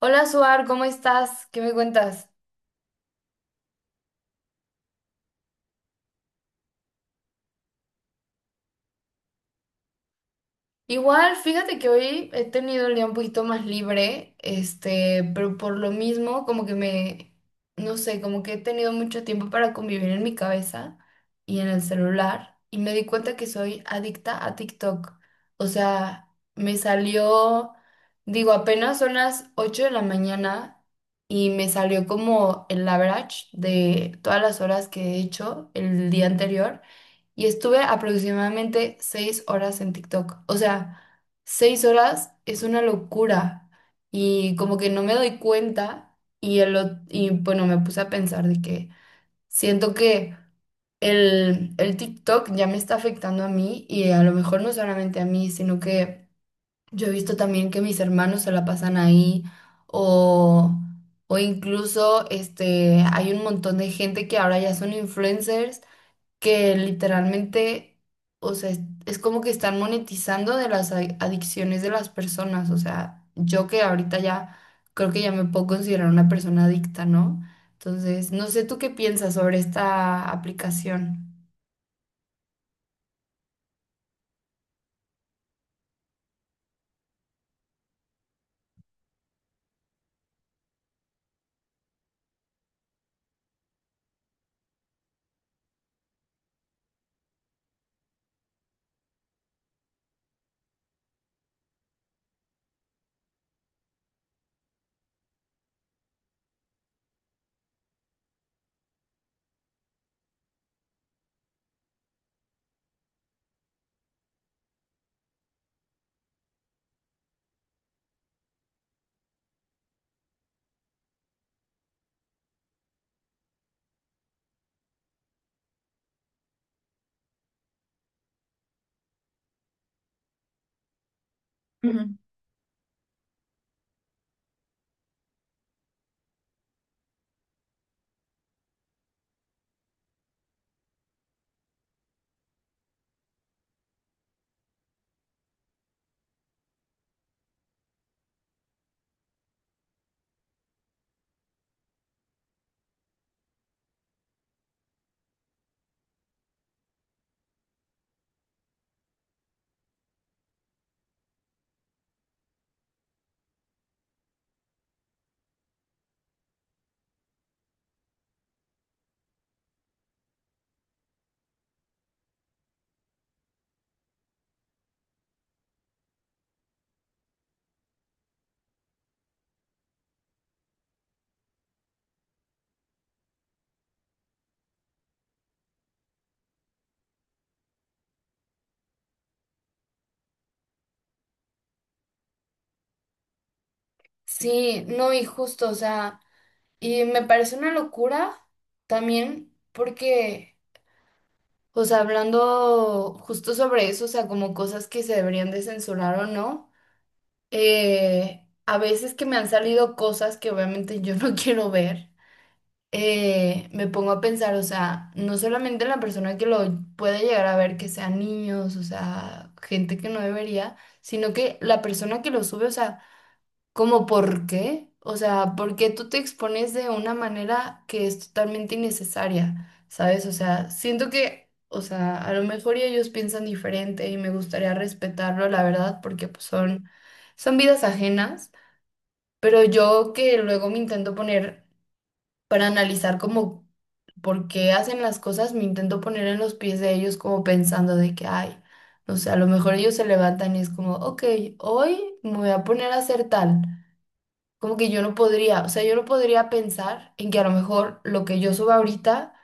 Hola Suar, ¿cómo estás? ¿Qué me cuentas? Igual, fíjate que hoy he tenido el día un poquito más libre, pero por lo mismo, no sé, como que he tenido mucho tiempo para convivir en mi cabeza y en el celular, y me di cuenta que soy adicta a TikTok. O sea, me salió, digo, apenas son las 8 de la mañana y me salió como el average de todas las horas que he hecho el día anterior. Y estuve aproximadamente 6 horas en TikTok. O sea, 6 horas es una locura y como que no me doy cuenta y bueno, me puse a pensar de que siento que el TikTok ya me está afectando a mí y a lo mejor no solamente a mí, sino que yo he visto también que mis hermanos se la pasan ahí o... o incluso hay un montón de gente que ahora ya son influencers que literalmente, o sea, es como que están monetizando de las adicciones de las personas. O sea, yo que ahorita ya creo que ya me puedo considerar una persona adicta, ¿no? Entonces, no sé tú qué piensas sobre esta aplicación. Ujú. Sí, no, y justo, o sea, y me parece una locura también porque, o sea, hablando justo sobre eso, o sea, como cosas que se deberían de censurar o no. A veces que me han salido cosas que obviamente yo no quiero ver, me pongo a pensar, o sea, no solamente en la persona que lo puede llegar a ver, que sean niños, o sea, gente que no debería, sino que la persona que lo sube, o sea... ¿Cómo por qué? O sea, porque tú te expones de una manera que es totalmente innecesaria, ¿sabes? O sea, siento que, o sea, a lo mejor y ellos piensan diferente y me gustaría respetarlo, la verdad, porque pues son vidas ajenas, pero yo que luego me intento poner para analizar como por qué hacen las cosas, me intento poner en los pies de ellos como pensando de que, ay, no sé, a lo mejor ellos se levantan y es como, ok, hoy me voy a poner a hacer tal, como que yo no podría, o sea, yo no podría pensar en que a lo mejor lo que yo suba ahorita,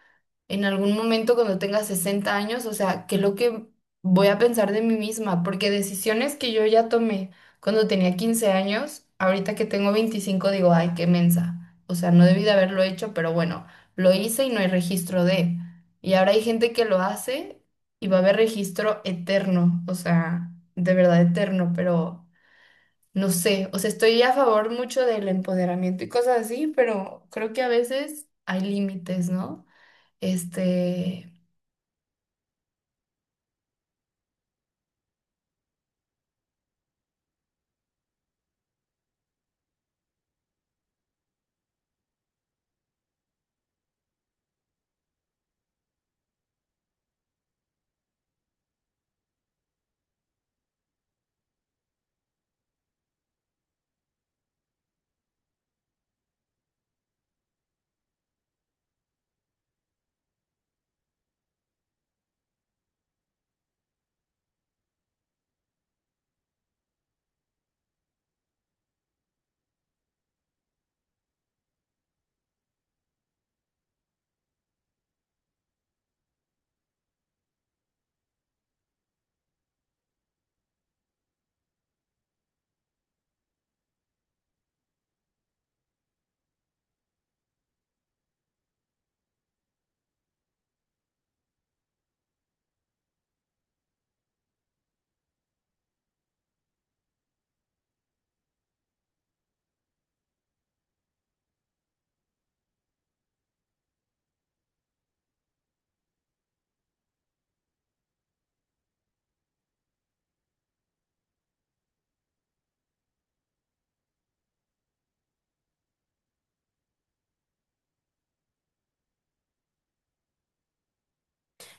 en algún momento cuando tenga 60 años, o sea, qué es lo que voy a pensar de mí misma, porque decisiones que yo ya tomé cuando tenía 15 años, ahorita que tengo 25 digo, ay, qué mensa, o sea, no debí de haberlo hecho, pero bueno, lo hice y no hay registro de. Y ahora hay gente que lo hace y va a haber registro eterno, o sea, de verdad eterno, pero... No sé, o sea, estoy a favor mucho del empoderamiento y cosas así, pero creo que a veces hay límites, ¿no? Este,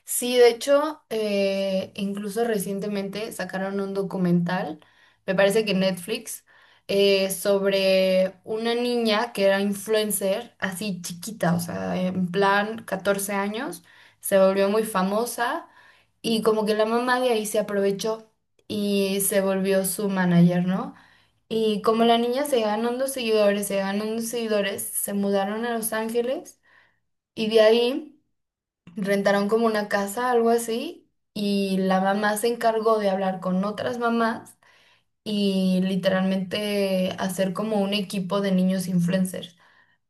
Sí, de hecho, incluso recientemente sacaron un documental, me parece que Netflix, sobre una niña que era influencer, así chiquita, o sea, en plan 14 años, se volvió muy famosa y como que la mamá de ahí se aprovechó y se volvió su manager, ¿no? Y como la niña se ganó unos seguidores, se mudaron a Los Ángeles y de ahí rentaron como una casa, algo así, y la mamá se encargó de hablar con otras mamás y literalmente hacer como un equipo de niños influencers.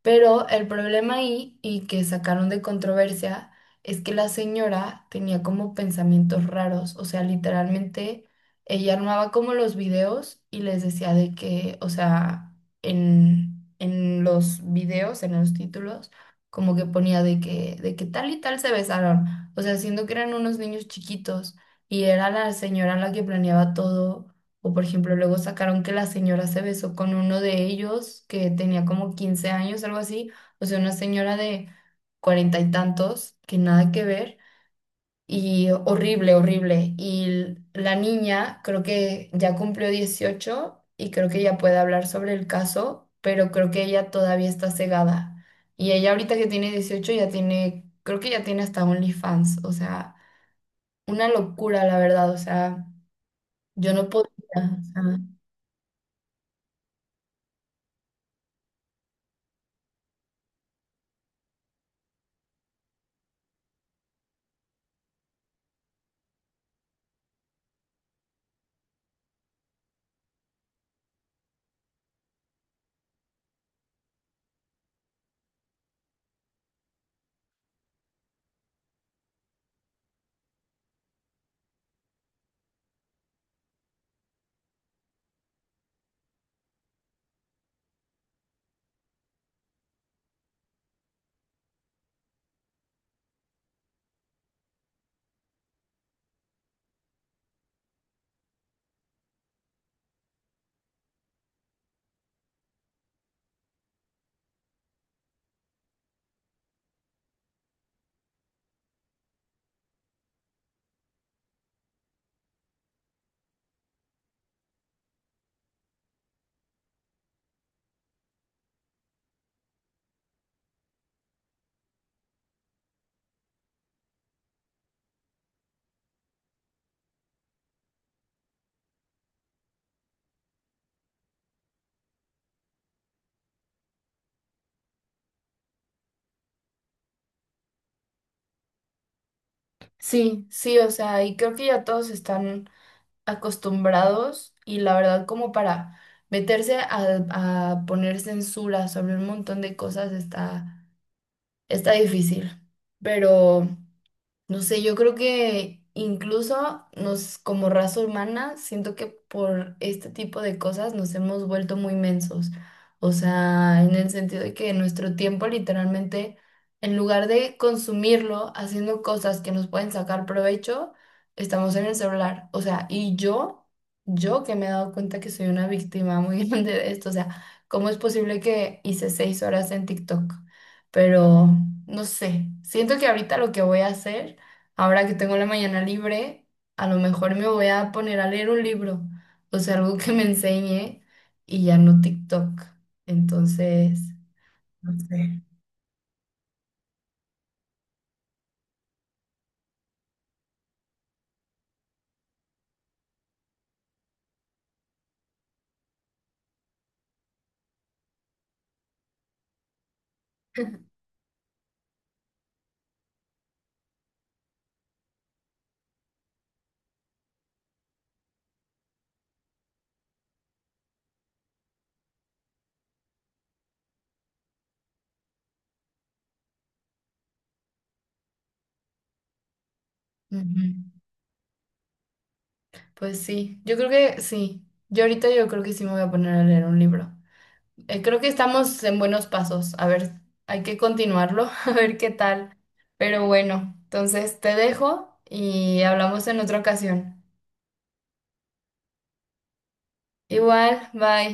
Pero el problema ahí, y que sacaron de controversia, es que la señora tenía como pensamientos raros, o sea, literalmente ella armaba como los videos y les decía de que, o sea, en los videos, en los títulos, como que ponía de que tal y tal se besaron, o sea, siendo que eran unos niños chiquitos y era la señora la que planeaba todo, o por ejemplo, luego sacaron que la señora se besó con uno de ellos que tenía como 15 años, algo así. O sea, una señora de cuarenta y tantos, que nada que ver. Y horrible, horrible. Y la niña creo que ya cumplió 18 y creo que ya puede hablar sobre el caso, pero creo que ella todavía está cegada. Y ella ahorita que tiene 18 ya tiene, creo que ya tiene hasta OnlyFans. O sea, una locura, la verdad. O sea, yo no podía. Sí, sí, o sea, y creo que ya todos están acostumbrados y la verdad como para meterse a poner censura sobre un montón de cosas está difícil. Pero, no sé, yo creo que incluso como raza humana, siento que por este tipo de cosas nos hemos vuelto muy mensos. O sea, en el sentido de que nuestro tiempo literalmente, en lugar de consumirlo haciendo cosas que nos pueden sacar provecho, estamos en el celular. O sea, y yo que me he dado cuenta que soy una víctima muy grande de esto. O sea, ¿cómo es posible que hice 6 horas en TikTok? Pero no sé, siento que ahorita lo que voy a hacer, ahora que tengo la mañana libre, a lo mejor me voy a poner a leer un libro, o sea, algo que me enseñe y ya no TikTok. Entonces, no sé. Ujú. Pues sí, yo creo que sí. Yo ahorita yo creo que sí me voy a poner a leer un libro. Creo que estamos en buenos pasos. A ver, hay que continuarlo, a ver qué tal. Pero bueno, entonces te dejo y hablamos en otra ocasión. Igual, bye.